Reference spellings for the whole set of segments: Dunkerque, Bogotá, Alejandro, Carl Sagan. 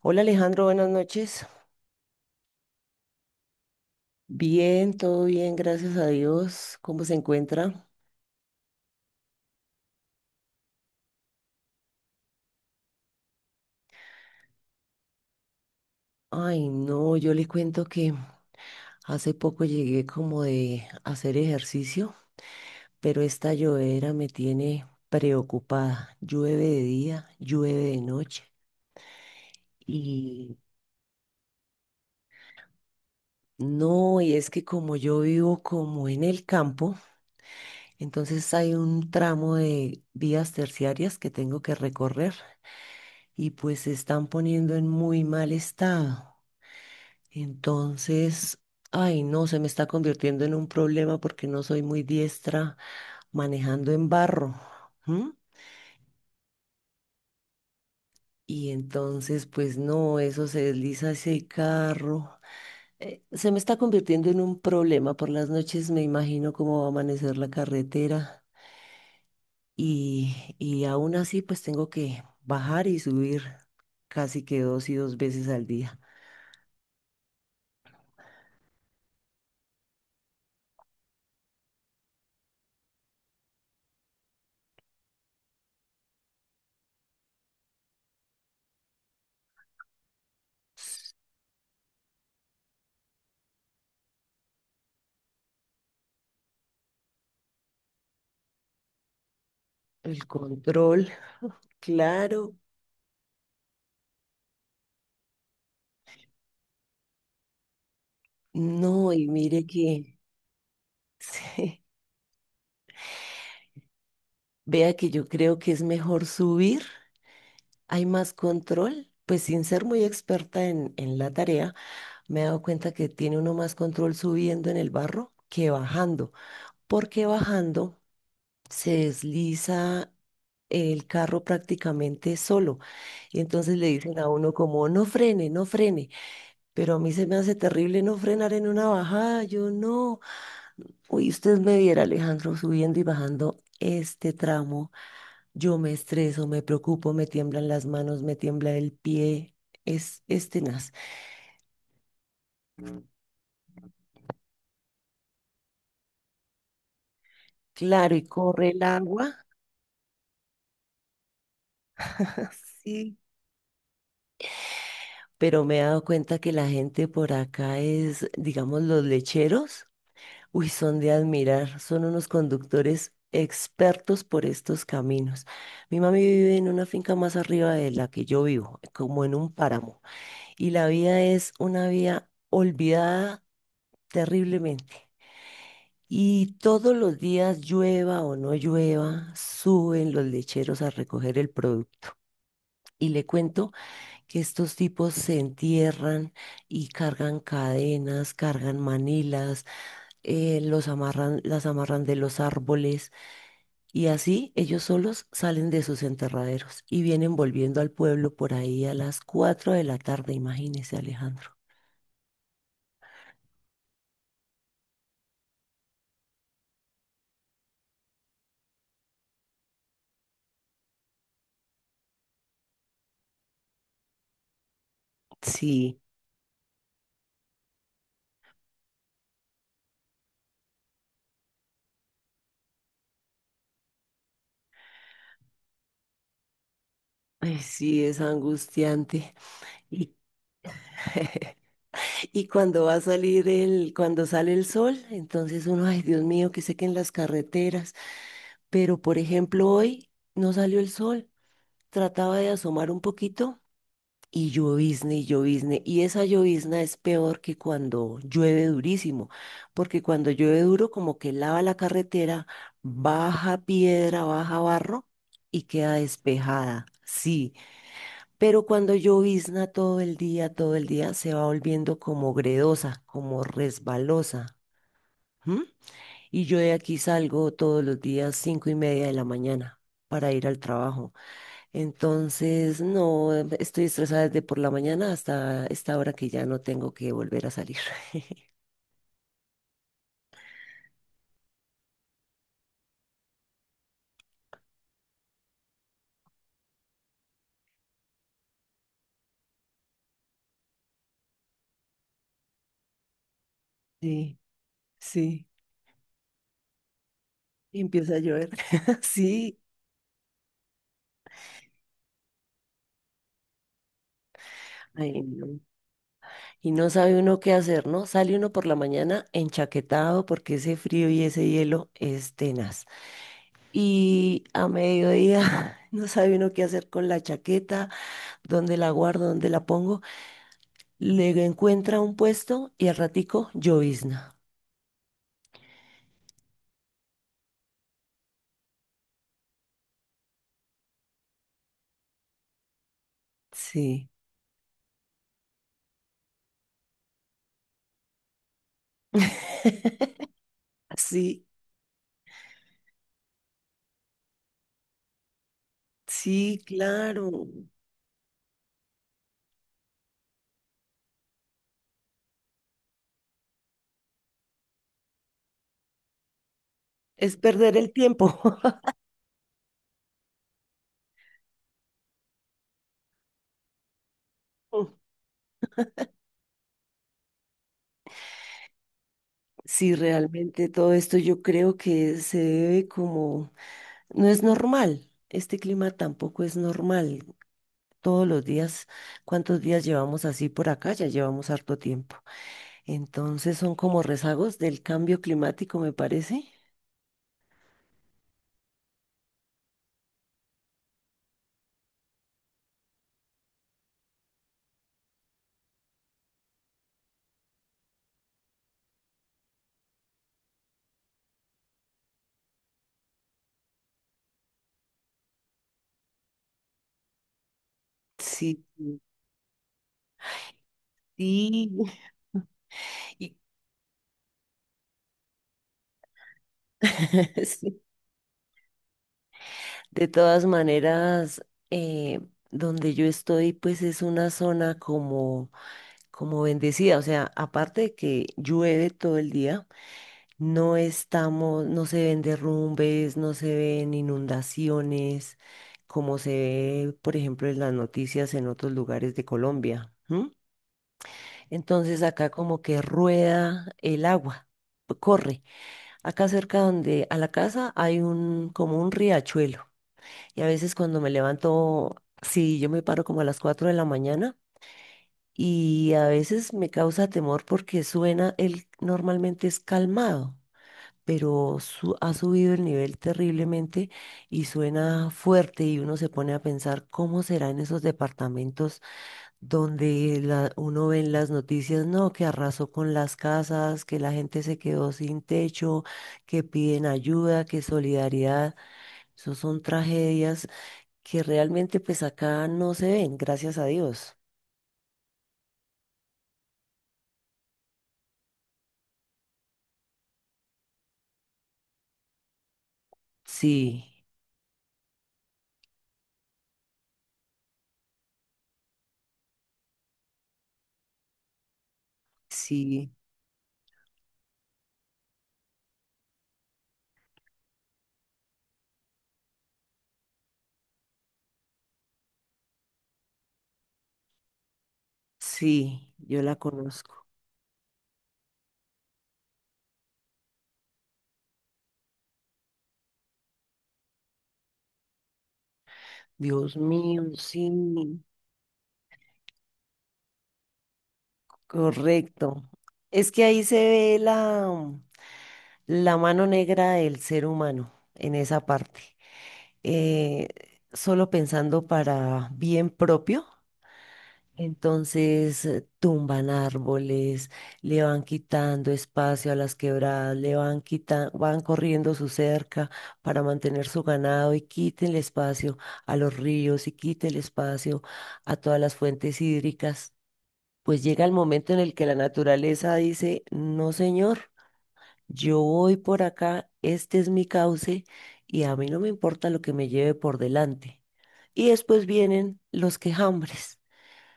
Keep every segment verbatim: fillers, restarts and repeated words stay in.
Hola Alejandro, buenas noches. Bien, todo bien, gracias a Dios. ¿Cómo se encuentra? Ay, no, yo le cuento que hace poco llegué como de hacer ejercicio, pero esta llovedera me tiene preocupada. Llueve de día, llueve de noche. Y no, y es que como yo vivo como en el campo, entonces hay un tramo de vías terciarias que tengo que recorrer y pues se están poniendo en muy mal estado. Entonces, ay, no, se me está convirtiendo en un problema porque no soy muy diestra manejando en barro. ¿M? Y entonces, pues no, eso se desliza ese carro. Eh, se me está convirtiendo en un problema. Por las noches me imagino cómo va a amanecer la carretera y, y aún así, pues tengo que bajar y subir casi que dos y dos veces al día. El control, claro. No, y mire que... Sí. Vea que yo creo que es mejor subir, hay más control, pues sin ser muy experta en, en la tarea. Me he dado cuenta que tiene uno más control subiendo en el barro que bajando, porque bajando se desliza el carro prácticamente solo. Y entonces le dicen a uno como, no frene, no frene. Pero a mí se me hace terrible no frenar en una bajada, yo no. Uy, usted me viera, Alejandro, subiendo y bajando este tramo. Yo me estreso, me preocupo, me tiemblan las manos, me tiembla el pie. Es, es tenaz. Claro, y corre el agua. Sí. Pero me he dado cuenta que la gente por acá es, digamos, los lecheros. Uy, son de admirar. Son unos conductores expertos por estos caminos. Mi mami vive en una finca más arriba de la que yo vivo, como en un páramo. Y la vida es una vía olvidada terriblemente. Y todos los días, llueva o no llueva, suben los lecheros a recoger el producto. Y le cuento que estos tipos se entierran y cargan cadenas, cargan manilas, eh, los amarran, las amarran de los árboles. Y así ellos solos salen de sus enterraderos y vienen volviendo al pueblo por ahí a las cuatro de la tarde, imagínese, Alejandro. Sí, ay, sí, es angustiante. Y Y cuando va a salir el, cuando sale el sol, entonces uno, ay Dios mío, que sequen las carreteras. Pero por ejemplo, hoy no salió el sol. Trataba de asomar un poquito y llovizna y llovizna. Y esa llovizna es peor que cuando llueve durísimo, porque cuando llueve duro, como que lava la carretera, baja piedra, baja barro y queda despejada. Sí, pero cuando llovizna todo el día, todo el día, se va volviendo como gredosa, como resbalosa. ¿M? Y yo de aquí salgo todos los días cinco y media de la mañana para ir al trabajo. Entonces, no, em, estoy estresada desde por la mañana hasta esta hora que ya no tengo que volver a salir. Sí, sí, y empieza a llover. Sí. Ay, no. Y no sabe uno qué hacer, ¿no? Sale uno por la mañana enchaquetado porque ese frío y ese hielo es tenaz. Y a mediodía no sabe uno qué hacer con la chaqueta, dónde la guardo, dónde la pongo. Le encuentra un puesto y al ratico llovizna. Sí. Sí, sí, claro. Es perder el tiempo. Sí, realmente todo esto yo creo que se debe como, no es normal, este clima tampoco es normal. Todos los días, ¿cuántos días llevamos así por acá? Ya llevamos harto tiempo. Entonces son como rezagos del cambio climático, me parece. Sí, sí, sí. Y- sí. De todas maneras, eh, donde yo estoy, pues es una zona como, como bendecida. O sea, aparte de que llueve todo el día, no estamos, no se ven derrumbes, no se ven inundaciones, como se ve, por ejemplo, en las noticias en otros lugares de Colombia. Entonces acá como que rueda el agua, corre. Acá cerca donde a la casa hay un como un riachuelo. Y a veces cuando me levanto, sí, yo me paro como a las cuatro de la mañana y a veces me causa temor porque suena, él normalmente es calmado, pero su- ha subido el nivel terriblemente y suena fuerte y uno se pone a pensar cómo serán esos departamentos donde la- uno ve en las noticias, no, que arrasó con las casas, que la gente se quedó sin techo, que piden ayuda, que solidaridad. Esos son tragedias que realmente pues acá no se ven, gracias a Dios. Sí, sí, sí, yo la conozco. Dios mío, sí, correcto. Es que ahí se ve la, la mano negra del ser humano en esa parte. eh, Solo pensando para bien propio. Entonces eh, tumban árboles, le van quitando espacio a las quebradas, le van quitando, van corriendo su cerca para mantener su ganado y quiten el espacio a los ríos y quiten el espacio a todas las fuentes hídricas. Pues llega el momento en el que la naturaleza dice, no señor. Yo voy por acá, este es mi cauce y a mí no me importa lo que me lleve por delante. Y después vienen los quejambres.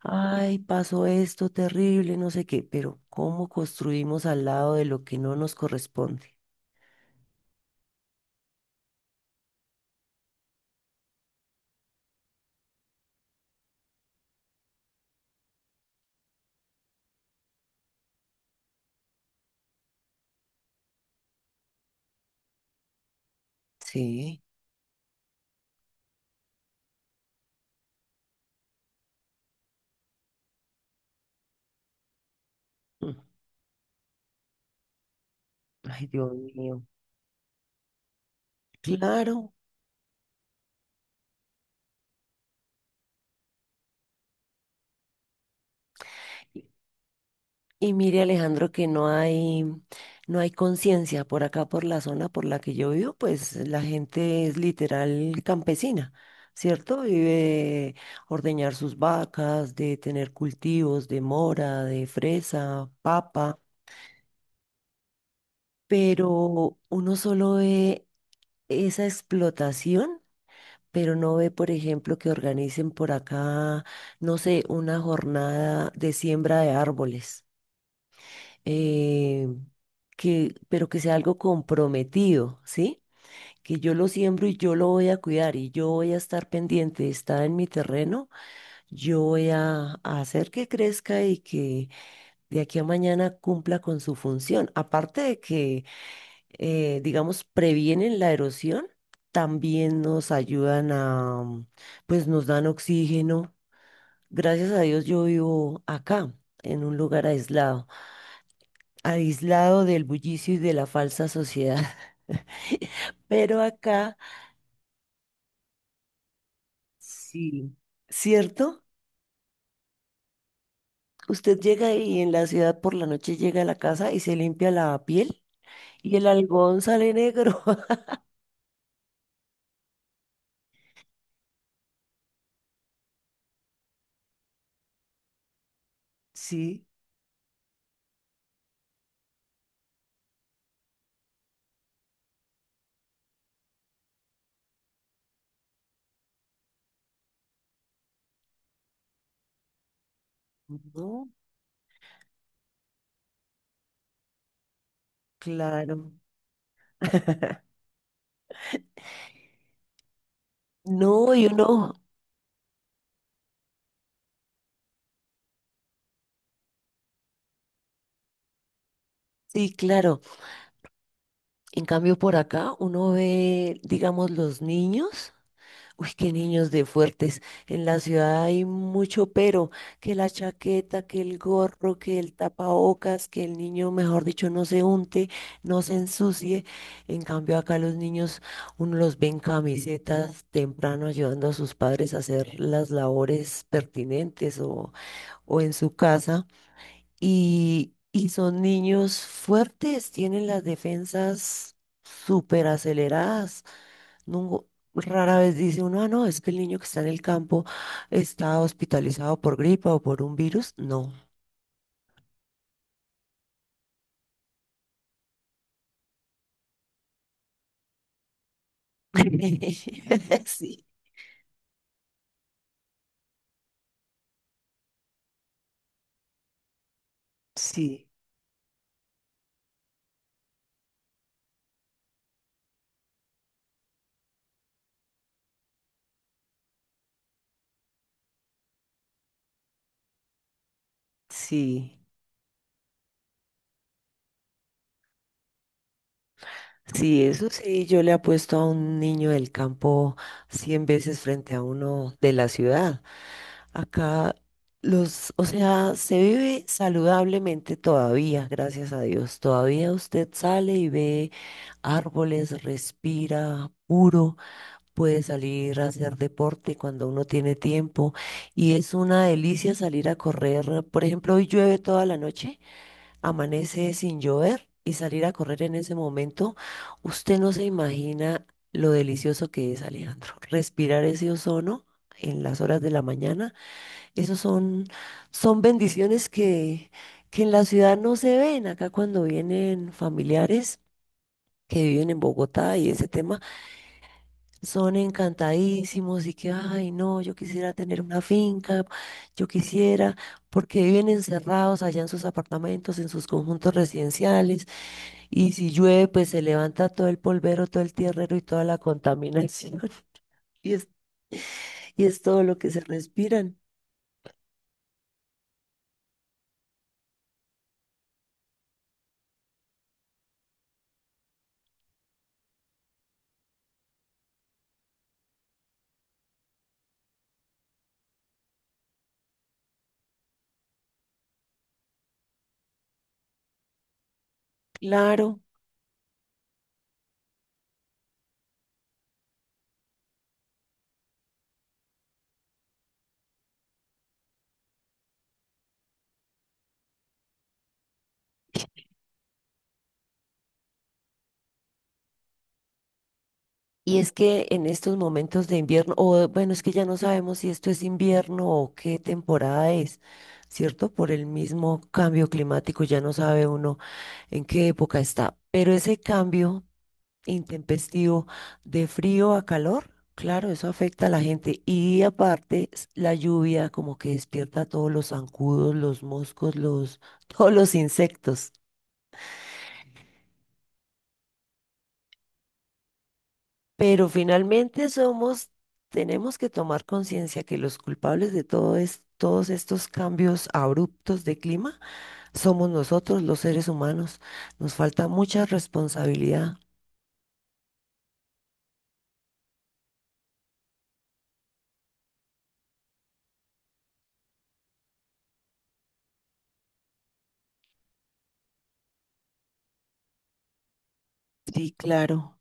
Ay, pasó esto terrible, no sé qué, pero ¿cómo construimos al lado de lo que no nos corresponde? Sí. Mm. Ay, Dios mío. Claro. Y mire, Alejandro, que no hay, no hay conciencia por acá, por la zona por la que yo vivo, pues la gente es literal campesina, ¿cierto? Vive de ordeñar sus vacas, de tener cultivos de mora, de fresa, papa, pero uno solo ve esa explotación, pero no ve, por ejemplo, que organicen por acá, no sé, una jornada de siembra de árboles, eh, que, pero que sea algo comprometido, ¿sí? Que yo lo siembro y yo lo voy a cuidar y yo voy a estar pendiente, está en mi terreno, yo voy a, a hacer que crezca y que de aquí a mañana cumpla con su función. Aparte de que, eh, digamos, previenen la erosión, también nos ayudan a, mm, pues nos dan oxígeno. Gracias a Dios yo vivo acá, en un lugar aislado aislado del bullicio y de la falsa sociedad. Pero acá, sí, ¿cierto? Usted llega y en la ciudad por la noche llega a la casa y se limpia la piel y el algodón sale negro. Sí, no, claro. No, y uno, sí, claro. En cambio, por acá uno ve, digamos, los niños. Uy, qué niños de fuertes. En la ciudad hay mucho pero, que la chaqueta, que el gorro, que el tapabocas, que el niño, mejor dicho, no se unte, no se ensucie. En cambio, acá los niños, uno los ve en camisetas temprano ayudando a sus padres a hacer las labores pertinentes o, o en su casa. Y, y son niños fuertes, tienen las defensas súper aceleradas. Nungo- rara vez dice uno, ah, no, es que el niño que está en el campo está hospitalizado por gripa o por un virus. No. Sí, sí, sí. Sí, eso sí, yo le apuesto a un niño del campo cien veces frente a uno de la ciudad. Acá los, o sea, se vive saludablemente todavía, gracias a Dios. Todavía usted sale y ve árboles, respira puro, puede salir a hacer deporte cuando uno tiene tiempo y es una delicia salir a correr. Por ejemplo, hoy llueve toda la noche, amanece sin llover y salir a correr en ese momento, usted no se imagina lo delicioso que es, Alejandro. Respirar ese ozono en las horas de la mañana, esos son, son bendiciones que, que en la ciudad no se ven. Acá cuando vienen familiares que viven en Bogotá y ese tema, son encantadísimos y que, ay, no, yo quisiera tener una finca, yo quisiera, porque viven encerrados allá en sus apartamentos, en sus conjuntos residenciales y si llueve, pues se levanta todo el polvero, todo el tierrero y toda la contaminación. Y es, y es todo lo que se respiran. Claro. Y es que en estos momentos de invierno, o bueno, es que ya no sabemos si esto es invierno o qué temporada es, ¿cierto? Por el mismo cambio climático, ya no sabe uno en qué época está. Pero ese cambio intempestivo de frío a calor, claro, eso afecta a la gente. Y aparte, s- la lluvia como que despierta a todos los zancudos, los moscos, los, todos los insectos. Pero finalmente somos, tenemos que tomar conciencia que los culpables de todo es, todos estos cambios abruptos de clima somos nosotros, los seres humanos. Nos falta mucha responsabilidad. Sí, claro.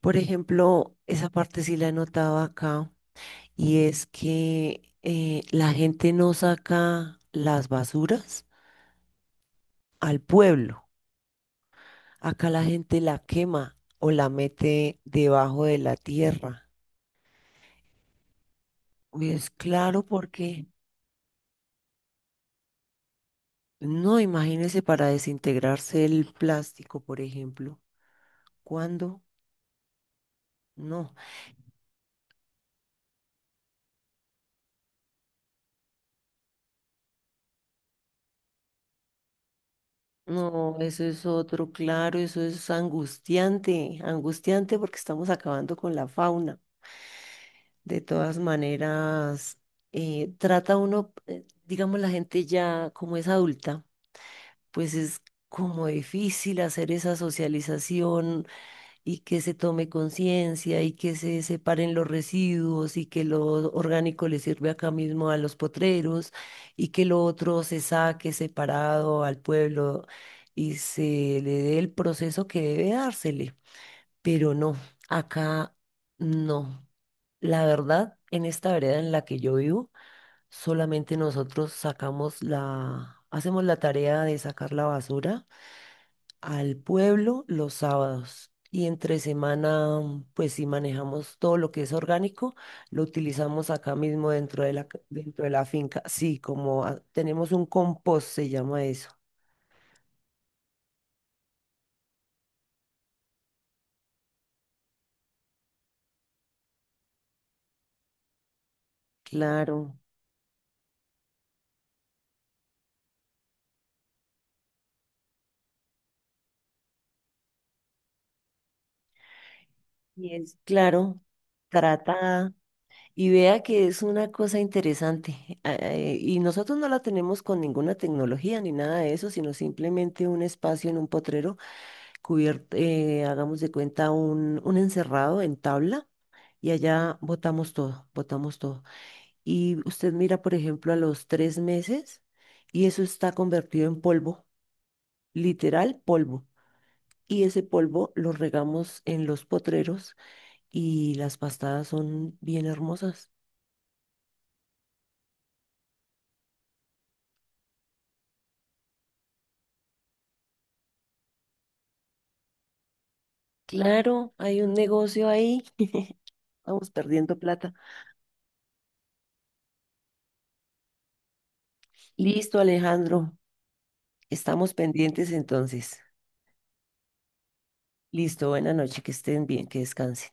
Por ejemplo, esa parte sí la notaba acá. Y es que eh, la gente no saca las basuras al pueblo. Acá la gente la quema o la mete debajo de la tierra. Y es claro porque, no, imagínese para desintegrarse el plástico, por ejemplo. ¿Cuándo? No, no, eso es otro, claro, eso es angustiante, angustiante porque estamos acabando con la fauna. De todas maneras, eh, trata uno, eh, digamos, la gente ya como es adulta, pues es como difícil hacer esa socialización y que se tome conciencia y que se separen los residuos y que lo orgánico le sirve acá mismo a los potreros y que lo otro se saque separado al pueblo y se le dé el proceso que debe dársele. Pero no, acá no. La verdad, en esta vereda en la que yo vivo, solamente nosotros sacamos la, hacemos la tarea de sacar la basura al pueblo los sábados. Y entre semana, pues sí manejamos todo lo que es orgánico, lo utilizamos acá mismo dentro de la, ca- dentro de la finca. Sí, como ah, tenemos un compost, se llama eso. Claro. Y es, claro, tratada. Y vea que es una cosa interesante. ah, eh, y nosotros no la tenemos con ninguna tecnología ni nada de eso, sino simplemente un espacio en un potrero cubierto, eh, hagamos de cuenta, un, un encerrado en tabla. Y allá botamos todo, botamos todo. Y usted mira, por ejemplo, a los tres meses y eso está convertido en polvo, literal polvo. Y ese polvo lo regamos en los potreros y las pastadas son bien hermosas. Claro, hay un negocio ahí. Vamos perdiendo plata. Listo, Alejandro. Estamos pendientes entonces. Listo, buena noche, que estén bien, que descansen.